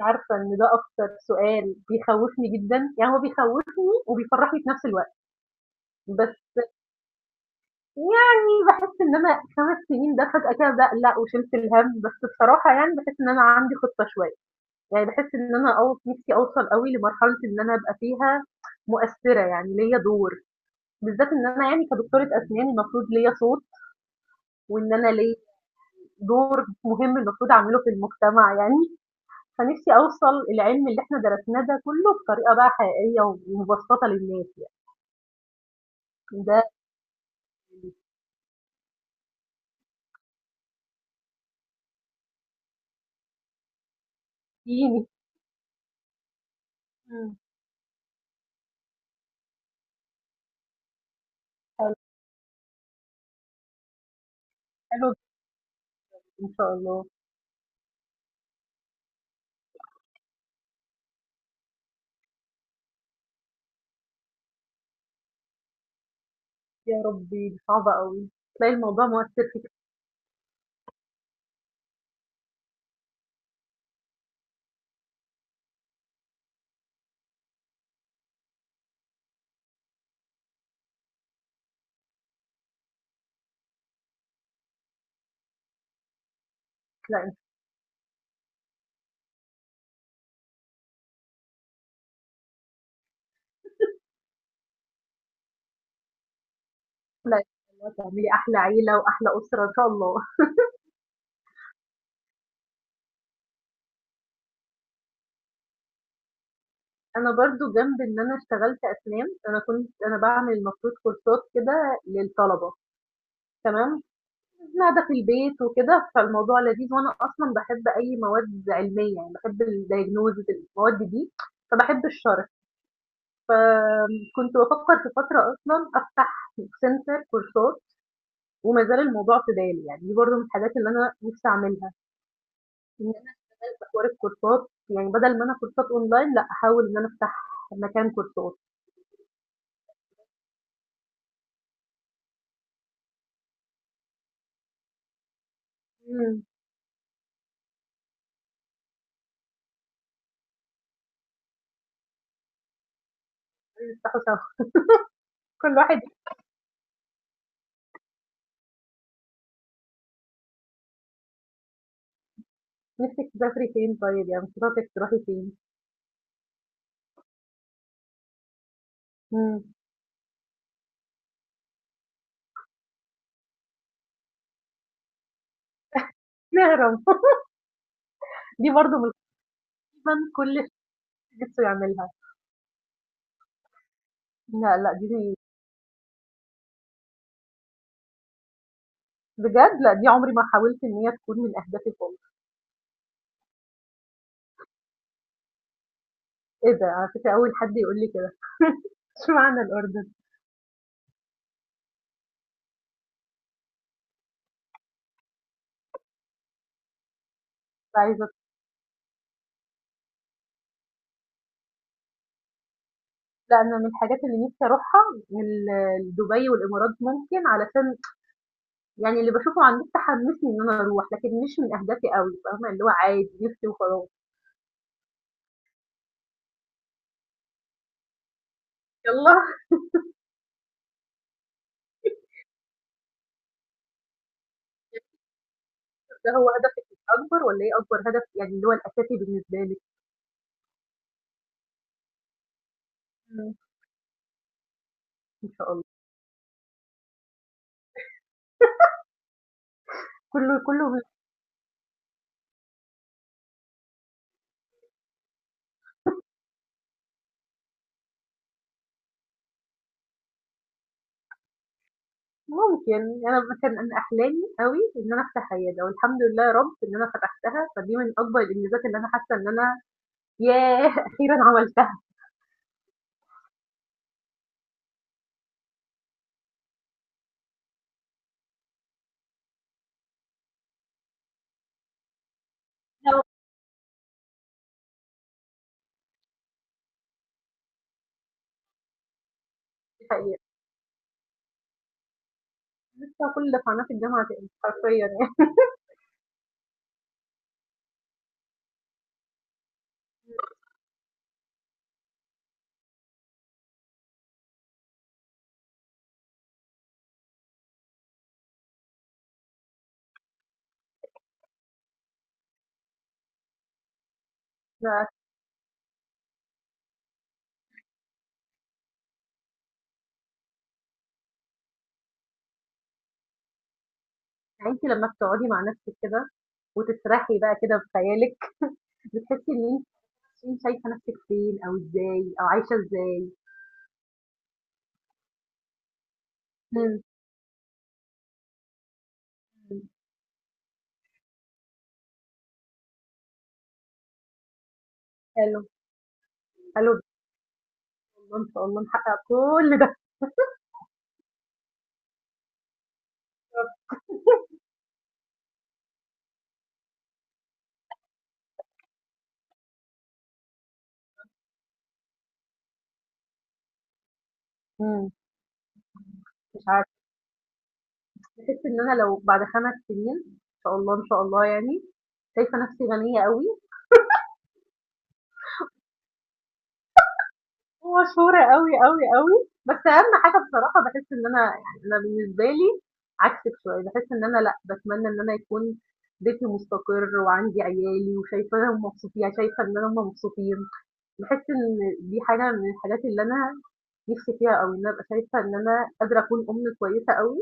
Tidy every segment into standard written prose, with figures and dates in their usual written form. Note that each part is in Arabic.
عارفة إن ده أكتر سؤال بيخوّفني جدًا، يعني هو بيخوّفني وبيفرّحني في نفس الوقت، بس يعني باحس إن أنا 5 سنين ده فجأة كده باقلق وشِلت الهَم، بس بصراحة يعني باحس إن أنا عندي خطة شوية، يعني باحس إن أنا أو نفسي أوصل أوي لمرحلة إن أنا أبقى فيها مؤثِّرة، يعني ليّا دور، بالذات إن أنا يعني كدكتورة أسنان المفروض ليّا صوت وإن أنا ليّا دور مهم المفروض أعمله في المجتمع يعني. فنفسي أوصل العلم اللي إحنا درسناه ده كله بطريقة بقى حقيقية ومبسطة للناس يعني ده اللي فيني. مم. حلو. حلو إن شاء الله. يا ربي دي صعبة قوي، تلاقي الموضوع مؤثر فيك. لا إن شاء الله، إن شاء الله تعملي أحلى عيلة وأحلى أسرة إن شاء الله. أنا برضو جنب إن أنا اشتغلت أسنان، أنا كنت أنا بعمل المفروض كورسات كده للطلبة. تمام. قاعدة في البيت وكده فالموضوع لذيذ، وأنا أصلا بحب أي مواد علمية، يعني بحب الدايجنوزز المواد دي فبحب الشرح. فكنت بفكر في فترة أصلا أفتح سنتر كورسات، وما زال الموضوع في بالي، يعني دي برضه من الحاجات اللي أنا نفسي أعملها، إن أنا أختار الكورسات، يعني بدل ما أنا كورسات أونلاين لا أحاول إن أنا أفتح مكان كورسات. مم، نفتحه سوا، كل واحد. نفسك تسافري فين طيب، يعني خططك تروحي فين؟ مم، نهرب. دي برضه من كل نِفْسه يعملها. لأ، لأ، دي بجد، لأ، دي عمري ما حاولت إن هي تكون من أهدافي خالص. إيه ده! على فكرة أول حد يقول لي كده، إشمعنى الأردن؟ كنت عايزة، لأ، أنا من الحاجات اللي نِفْسي أروحها ال دبي والإمارات ممكن، علشان يعني اللي باشوفه على النت حمّسني إن أنا أروح، لكن مش من أهدافي أوي، فاهمة؟ اللي هو عادي نِفْسي وخلاص. يالّا. ده هو هدفِك الأكبر والّا إيه أكبر هدف، يعني اللي هو الأساسي بالنسبة لِك؟ إمم، إن شاء الله. كُلّه كُلّه. ممكن أنا مثلًا، أنا أحلامي أوي إن أنا أفتح عيادة، والحمد لله يا رب إن أنا فتحتها، فدي من أكبر الإنجازات اللي أنا حاسة إن أنا، ياه! أخيرًا عملتها. آه. دي حقيقة. لسه كل قناة الجامعة تاني حرفيًا يعني. أنتِ لمّا بتقعدي مع نفسِك كده وتسرحي بقى كده بخيالِك، بتحسي إن أنتِ، انت شايفة نفسِك فين أو إزاي أو عايشة إزاي؟ إمم، إمم، حلو، حلو إن شاء الله، إن شاء الله نحقق كل ده. إمم، مش عا باحس إن أنا لو بعد 5 سنين إن شاء الله، إن شاء الله يعني، شايفة نفسي غنية أوي ومشهورة أوي، أوي، أوي، بس أهم حاجة بصراحة باحس إن أنا، يعني أنا بالنسبة لي عكسِك شوية، باحس إن أنا لأ، باتمنى إن أنا يكون بيتي مستقر وعندي عيالي وشايفاهم مبسوطين، يعني شايفة إن هم مبسوطين، باحس إن دي حاجة من الحاجات اللي أنا نفسي فيها أوي، إن أنا أبقى شايفة إن أنا قادرة أكون أم كويسة أوي،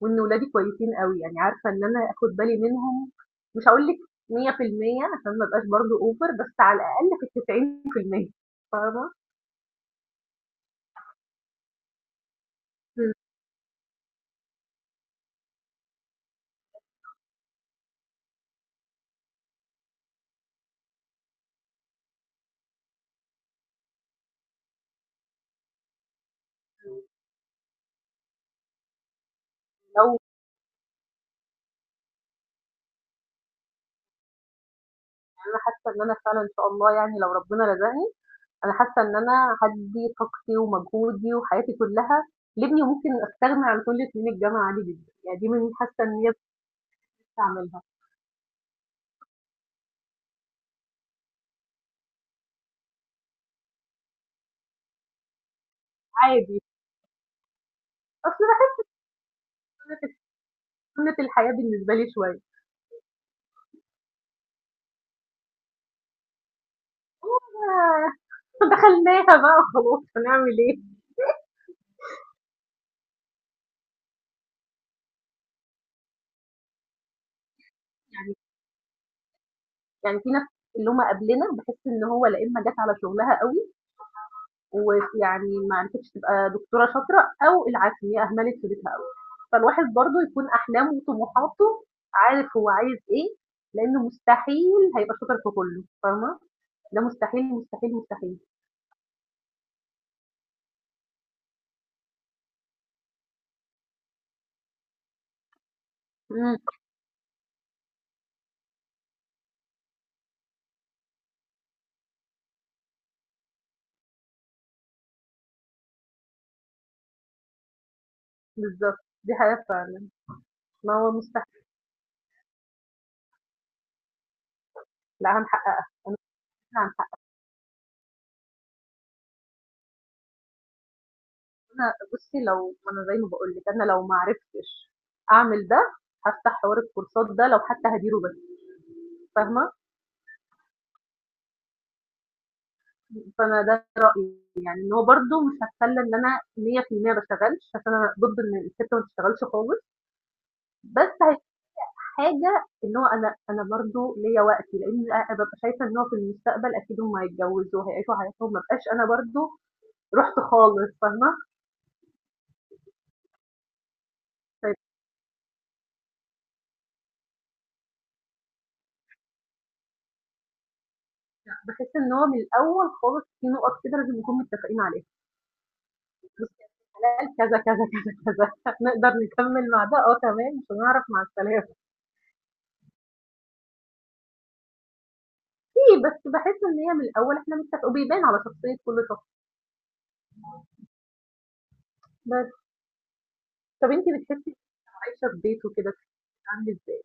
وإن ولادي كويسين أوي، يعني عارفة إن أنا آخد بالي منهم، مش هاقول لِك 100% عشان ما أبقاش برضه over، بس على الأقل في ال90%، فاهمة؟ إمم. إمم. لو أنا حاسة إن أنا فعلًا إن شاء الله يعني، لو ربنا رزقني، أنا حاسة إن أنا هادّي طاقتي ومجهودي وحياتي كلها لابني، وممكن أستغنى عن كل سنين الجامعة عادي جدًا، يعني دي من، حاسة إن هي بتستعملها عادي، أصل باحس سنة الحياة بالنسبة لي شوية، آه، دخلناها بقى وخلاص هنعمل إيه؟ يعني في ناس اللي هم قبلنا، بحس ان هو لا، اما جت على شغلها قوي ويعني ما عرفتش تبقى دكتوره شاطره، او العكس هي اهملت في بيتها قوي. فالواحد برضه يكون احلامه وطموحاته، عارف هو عايز ايه، لانه مستحيل هيبقى شاطر في كله، فاهمه؟ ده مستحيل مستحيل مستحيل. امم. بالظبط. دي حاجه فعلا. ما هو مستحيل لا هنحققها. احنا هنحققها. بصي، لو انا زي ما بقول لك، انا لو ما عرفتش اعمل ده هفتح حوار الكورسات ده لو حتى هديره بس، فاهمه؟ فانا ده رايي، يعني ان هو برده مش هتخلى ان انا 100% ما اشتغلش، عشان انا ضد ان الست ما تشتغلش خالص، بس هي حاجه ان هو انا برده ليا وقتي، لان أنا ببقى شايفه ان هو في المستقبل اكيد هم هيتجوزوا وهيعيشوا حياتهم، ما بقاش انا برده رحت خالص، فاهمه؟ طيب، بحس ان هو من الاول خالص في نقط كده لازم نكون متفقين عليها. بصي يا ست، حلال كذا كذا، كذا كذا نقدر نكمل مع ده، اه تمام، مش هنعرف، مع السلامه. في، بس بحس ان هي من الاول احنا متفقين، وبيبان على شخصيه كل شخص بس. طب أنتِ بتحسّي لو عايشة في بيت وكده بتبقى عاملة إزاي؟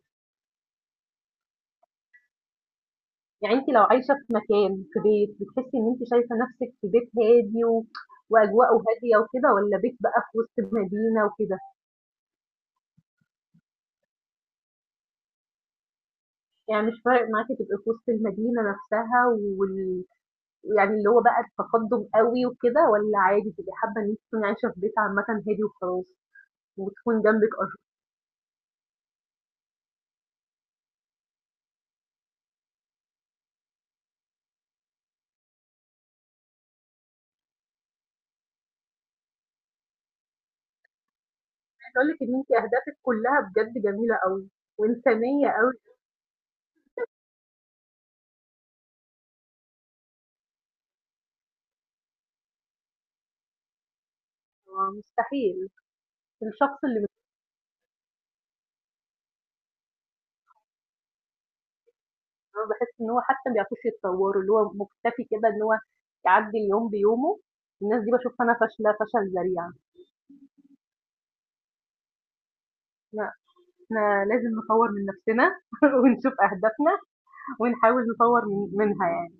يعني أنتِ لو عايشة في مكان، في بيت، بتحسّي إن أنتِ شايفة نَفْسِك في بيت هادي وأجواءه هادية وكده، والّا بيت بقى في وسط المدينة وكده؟ يعني مش فارق معاكِ تبقي في وسط المدينة نَفْسها وال يعني اللي هو بقى التقدُّم أوي وكده، والّا عادي تبقي حابة إن أنتِ تكوني عايشة في بيت عامةً هادي وخلاص، وتكون جنبِك أشجار؟ عايزة أقول لِك إن أنتِ أهدافِك كُلّها بجد جميلة أوي وإنسانية أوي. آه مستحيل. الشخص اللي، أنا باحس إن هو حتى ما بيعرفوش يتطوّروا، اللي هو مُكتفي كده إن هو يعدّي اليوم بيومه، الناس دي باشوفها أنا فاشلة فشل ذريع. لأ، إحنا لازم نطوّر من نَفْسنا ونشوف أهدافنا ونحاول نطوّر منها يعني.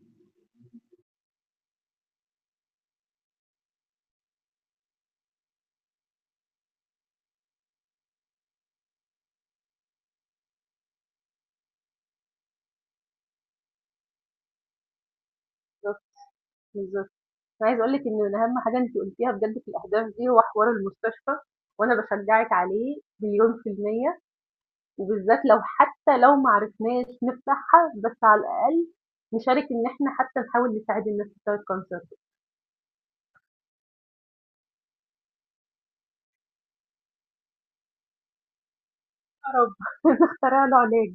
بالضبط، بالضبط. أنا عايزة أقول لِك إن أهم حاجة أنتِ قُلتيها بجد في الأهداف دي هو حوار المستشفى، وأنا باشجّعِك عليه 100%، وبالذات لو حتى لو ما عرفناش نفتحها بس على الأقل نشارك إن إحنا حتى نحاول نساعد الناس بتوع الcancer. يا رب، نخترع له علاج.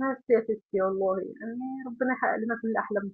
ما سياسة يا والله يعني، ربنا يحقق لنا كل أحلامنا.